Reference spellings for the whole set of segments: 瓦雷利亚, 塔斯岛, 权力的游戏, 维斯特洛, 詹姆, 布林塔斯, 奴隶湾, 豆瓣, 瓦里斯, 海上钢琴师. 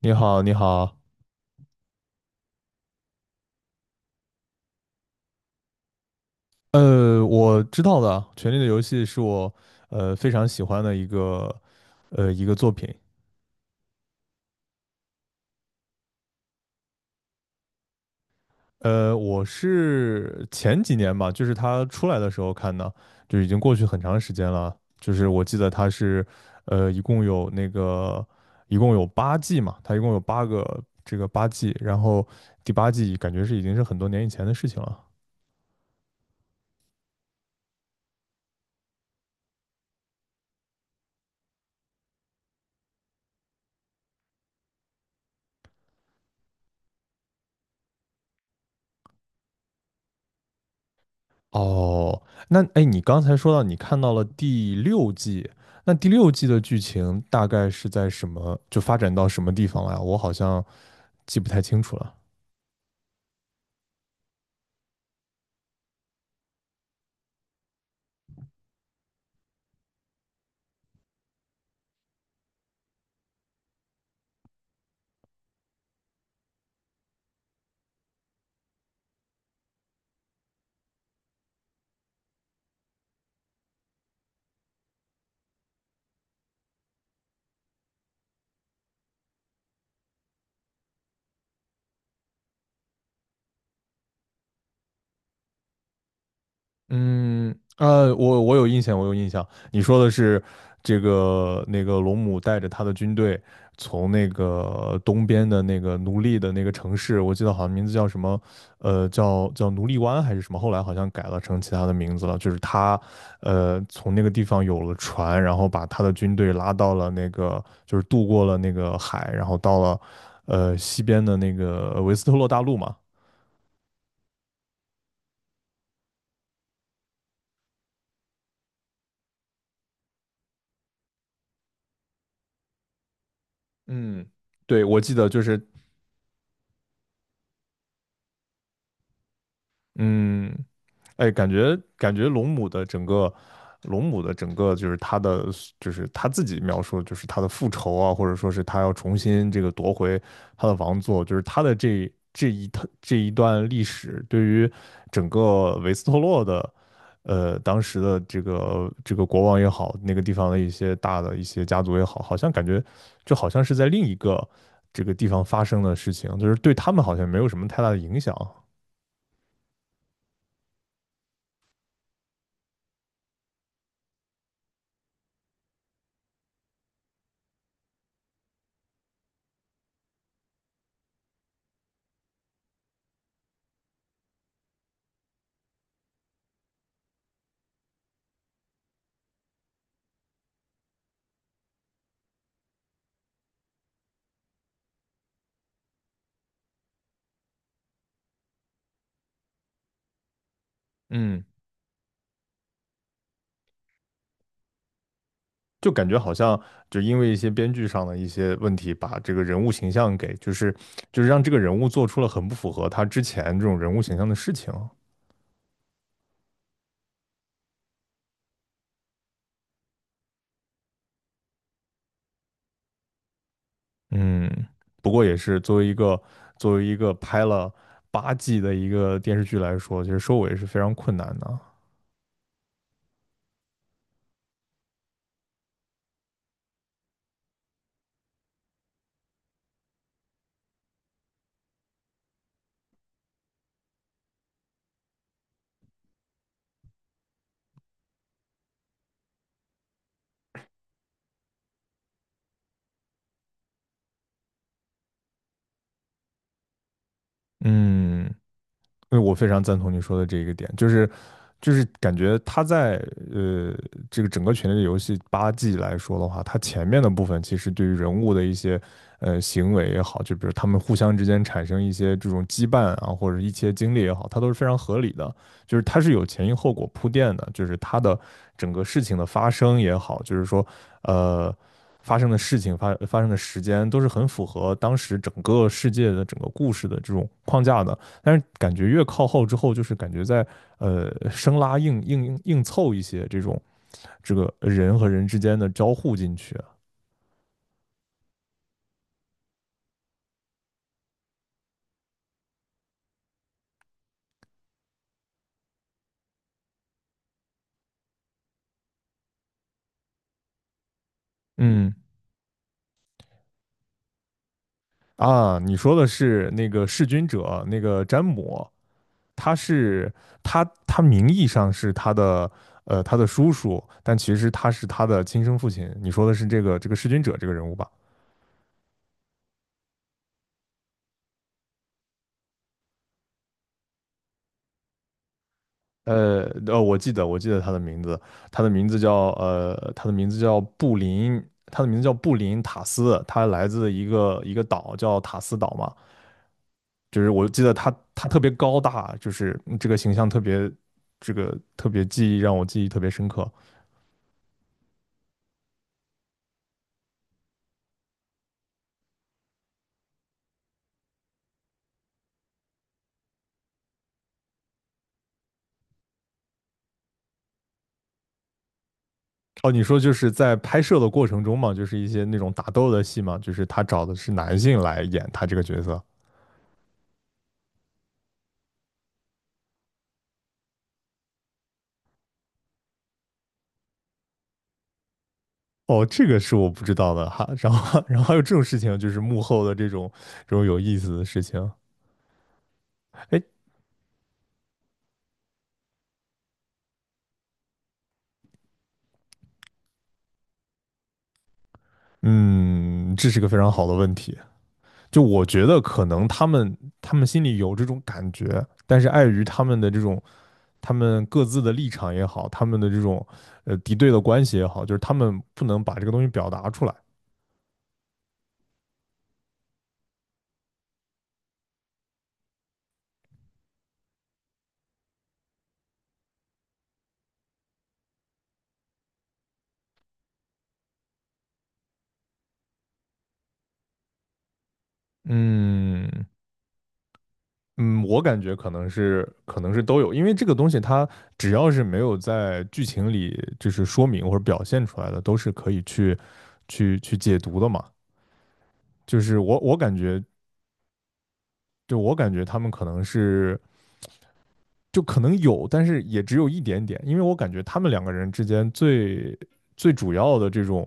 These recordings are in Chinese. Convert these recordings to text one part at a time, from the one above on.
你好，你好。我知道的。《权力的游戏》是我非常喜欢的一个作品。我是前几年吧，就是它出来的时候看的，就已经过去很长时间了。就是我记得它是一共有那个一共有八季嘛，它一共有八个这个八季，然后第八季感觉是已经是很多年以前的事情了。哦。那哎，你刚才说到你看到了第六季，那第六季的剧情大概是在什么，就发展到什么地方了呀？我好像记不太清楚了。嗯。我有印象，我有印象。你说的是这个那个龙母带着他的军队从那个东边的那个奴隶的那个城市，我记得好像名字叫什么。叫奴隶湾还是什么，后来好像改了成其他的名字了。就是他，从那个地方有了船，然后把他的军队拉到了那个，就是渡过了那个海，然后到了，西边的那个维斯特洛大陆嘛。嗯，对，我记得就是。嗯，哎，感觉龙母的整个，龙母的整个就是她的，就是她自己描述，就是她的复仇啊，或者说是她要重新这个夺回她的王座，就是她的这这一趟这一段历史，对于整个维斯特洛的，当时的这个这个国王也好，那个地方的一些大的一些家族也好，好像感觉就好像是在另一个这个地方发生的事情，就是对他们好像没有什么太大的影响。嗯。就感觉好像就因为一些编剧上的一些问题，把这个人物形象给就是就是让这个人物做出了很不符合他之前这种人物形象的事情。嗯，不过也是作为一个作为一个拍了八季的一个电视剧来说，其实收尾是非常困难的。嗯，因为我非常赞同你说的这一个点，就是就是感觉他在呃这个整个《权力的游戏》八季来说的话，他前面的部分其实对于人物的一些行为也好，就比如他们互相之间产生一些这种羁绊啊，或者一些经历也好，它都是非常合理的。就是它是有前因后果铺垫的，就是它的整个事情的发生也好，就是说呃发生的事情发发生的时间都是很符合当时整个世界的整个故事的这种框架的。但是感觉越靠后之后，就是感觉在生拉硬凑一些这种这个人和人之间的交互进去啊。嗯。啊，你说的是那个弑君者，那个詹姆，他是他他名义上是他的他的叔叔，但其实他是他的亲生父亲。你说的是这个这个弑君者这个人物吧？我记得他的名字，他的名字叫他的名字叫布林，他的名字叫布林塔斯，他来自一个一个岛叫塔斯岛嘛。就是我记得他他特别高大，就是这个形象特别这个特别记忆让我记忆特别深刻。哦，你说就是在拍摄的过程中嘛，就是一些那种打斗的戏嘛，就是他找的是男性来演他这个角色。哦，这个是我不知道的哈。然后，然后还有这种事情，就是幕后的这种这种有意思的事情。哎。嗯，这是个非常好的问题。就我觉得可能他们他们心里有这种感觉，但是碍于他们的这种他们各自的立场也好，他们的这种敌对的关系也好，就是他们不能把这个东西表达出来。嗯。嗯，我感觉可能是都有，因为这个东西它只要是没有在剧情里就是说明或者表现出来的，都是可以去去去解读的嘛。就是我感觉，就我感觉他们可能是就可能有，但是也只有一点点，因为我感觉他们两个人之间最最主要的这种，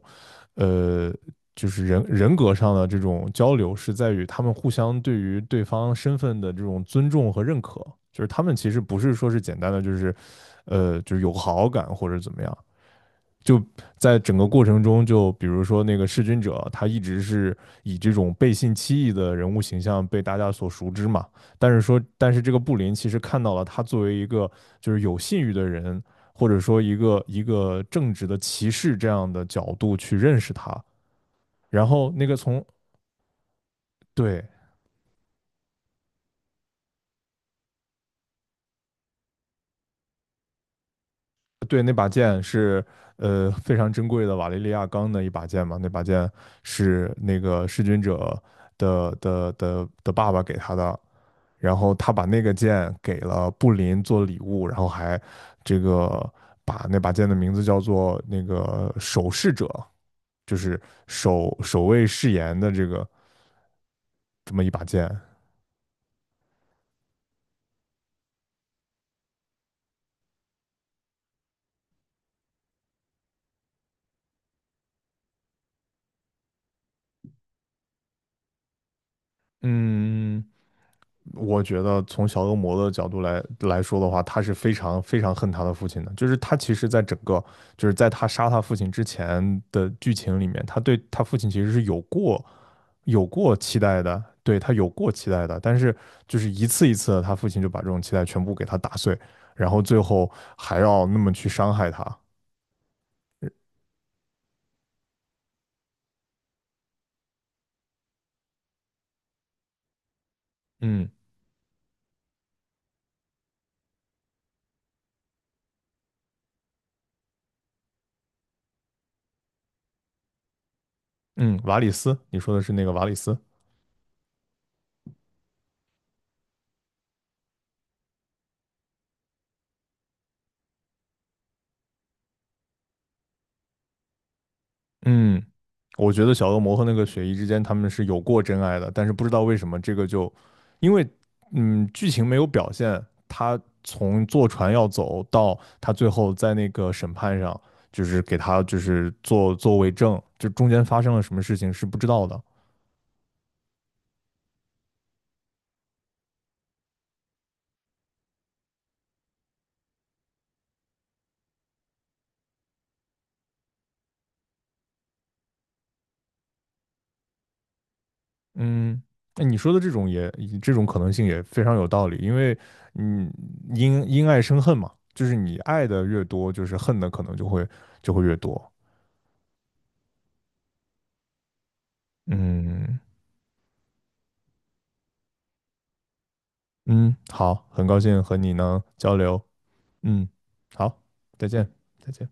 呃，就是人人格上的这种交流，是在于他们互相对于对方身份的这种尊重和认可，就是他们其实不是说是简单的就是，就是有好感或者怎么样，就在整个过程中，就比如说那个弑君者，他一直是以这种背信弃义的人物形象被大家所熟知嘛。但是说，但是这个布林其实看到了他作为一个就是有信誉的人，或者说一个一个正直的骑士这样的角度去认识他。然后那个从对对那把剑是非常珍贵的瓦雷利亚钢的一把剑嘛，那把剑是那个弑君者。的的的的爸爸给他的，然后他把那个剑给了布林做礼物，然后还这个把那把剑的名字叫做那个守侍者，就是守守卫誓言的这个这么一把剑。嗯，我觉得从小恶魔的角度来说的话，他是非常非常恨他的父亲的。就是他其实，在整个就是在他杀他父亲之前的剧情里面，他对他父亲其实是有过有过期待的，对，他有过期待的，但是就是一次一次的，他父亲就把这种期待全部给他打碎，然后最后还要那么去伤害他。嗯。嗯，瓦里斯，你说的是那个瓦里斯？嗯，我觉得小恶魔和那个雪姨之间他们是有过真爱的，但是不知道为什么这个就，因为剧情没有表现，他从坐船要走到他最后在那个审判上，就是给他就是做做为证，就中间发生了什么事情是不知道的。嗯，那你说的这种也这种可能性也非常有道理，因为嗯，因因爱生恨嘛，就是你爱的越多，就是恨的可能就会就会越多。嗯。嗯，好，很高兴和你能交流。嗯，好，再见，再见。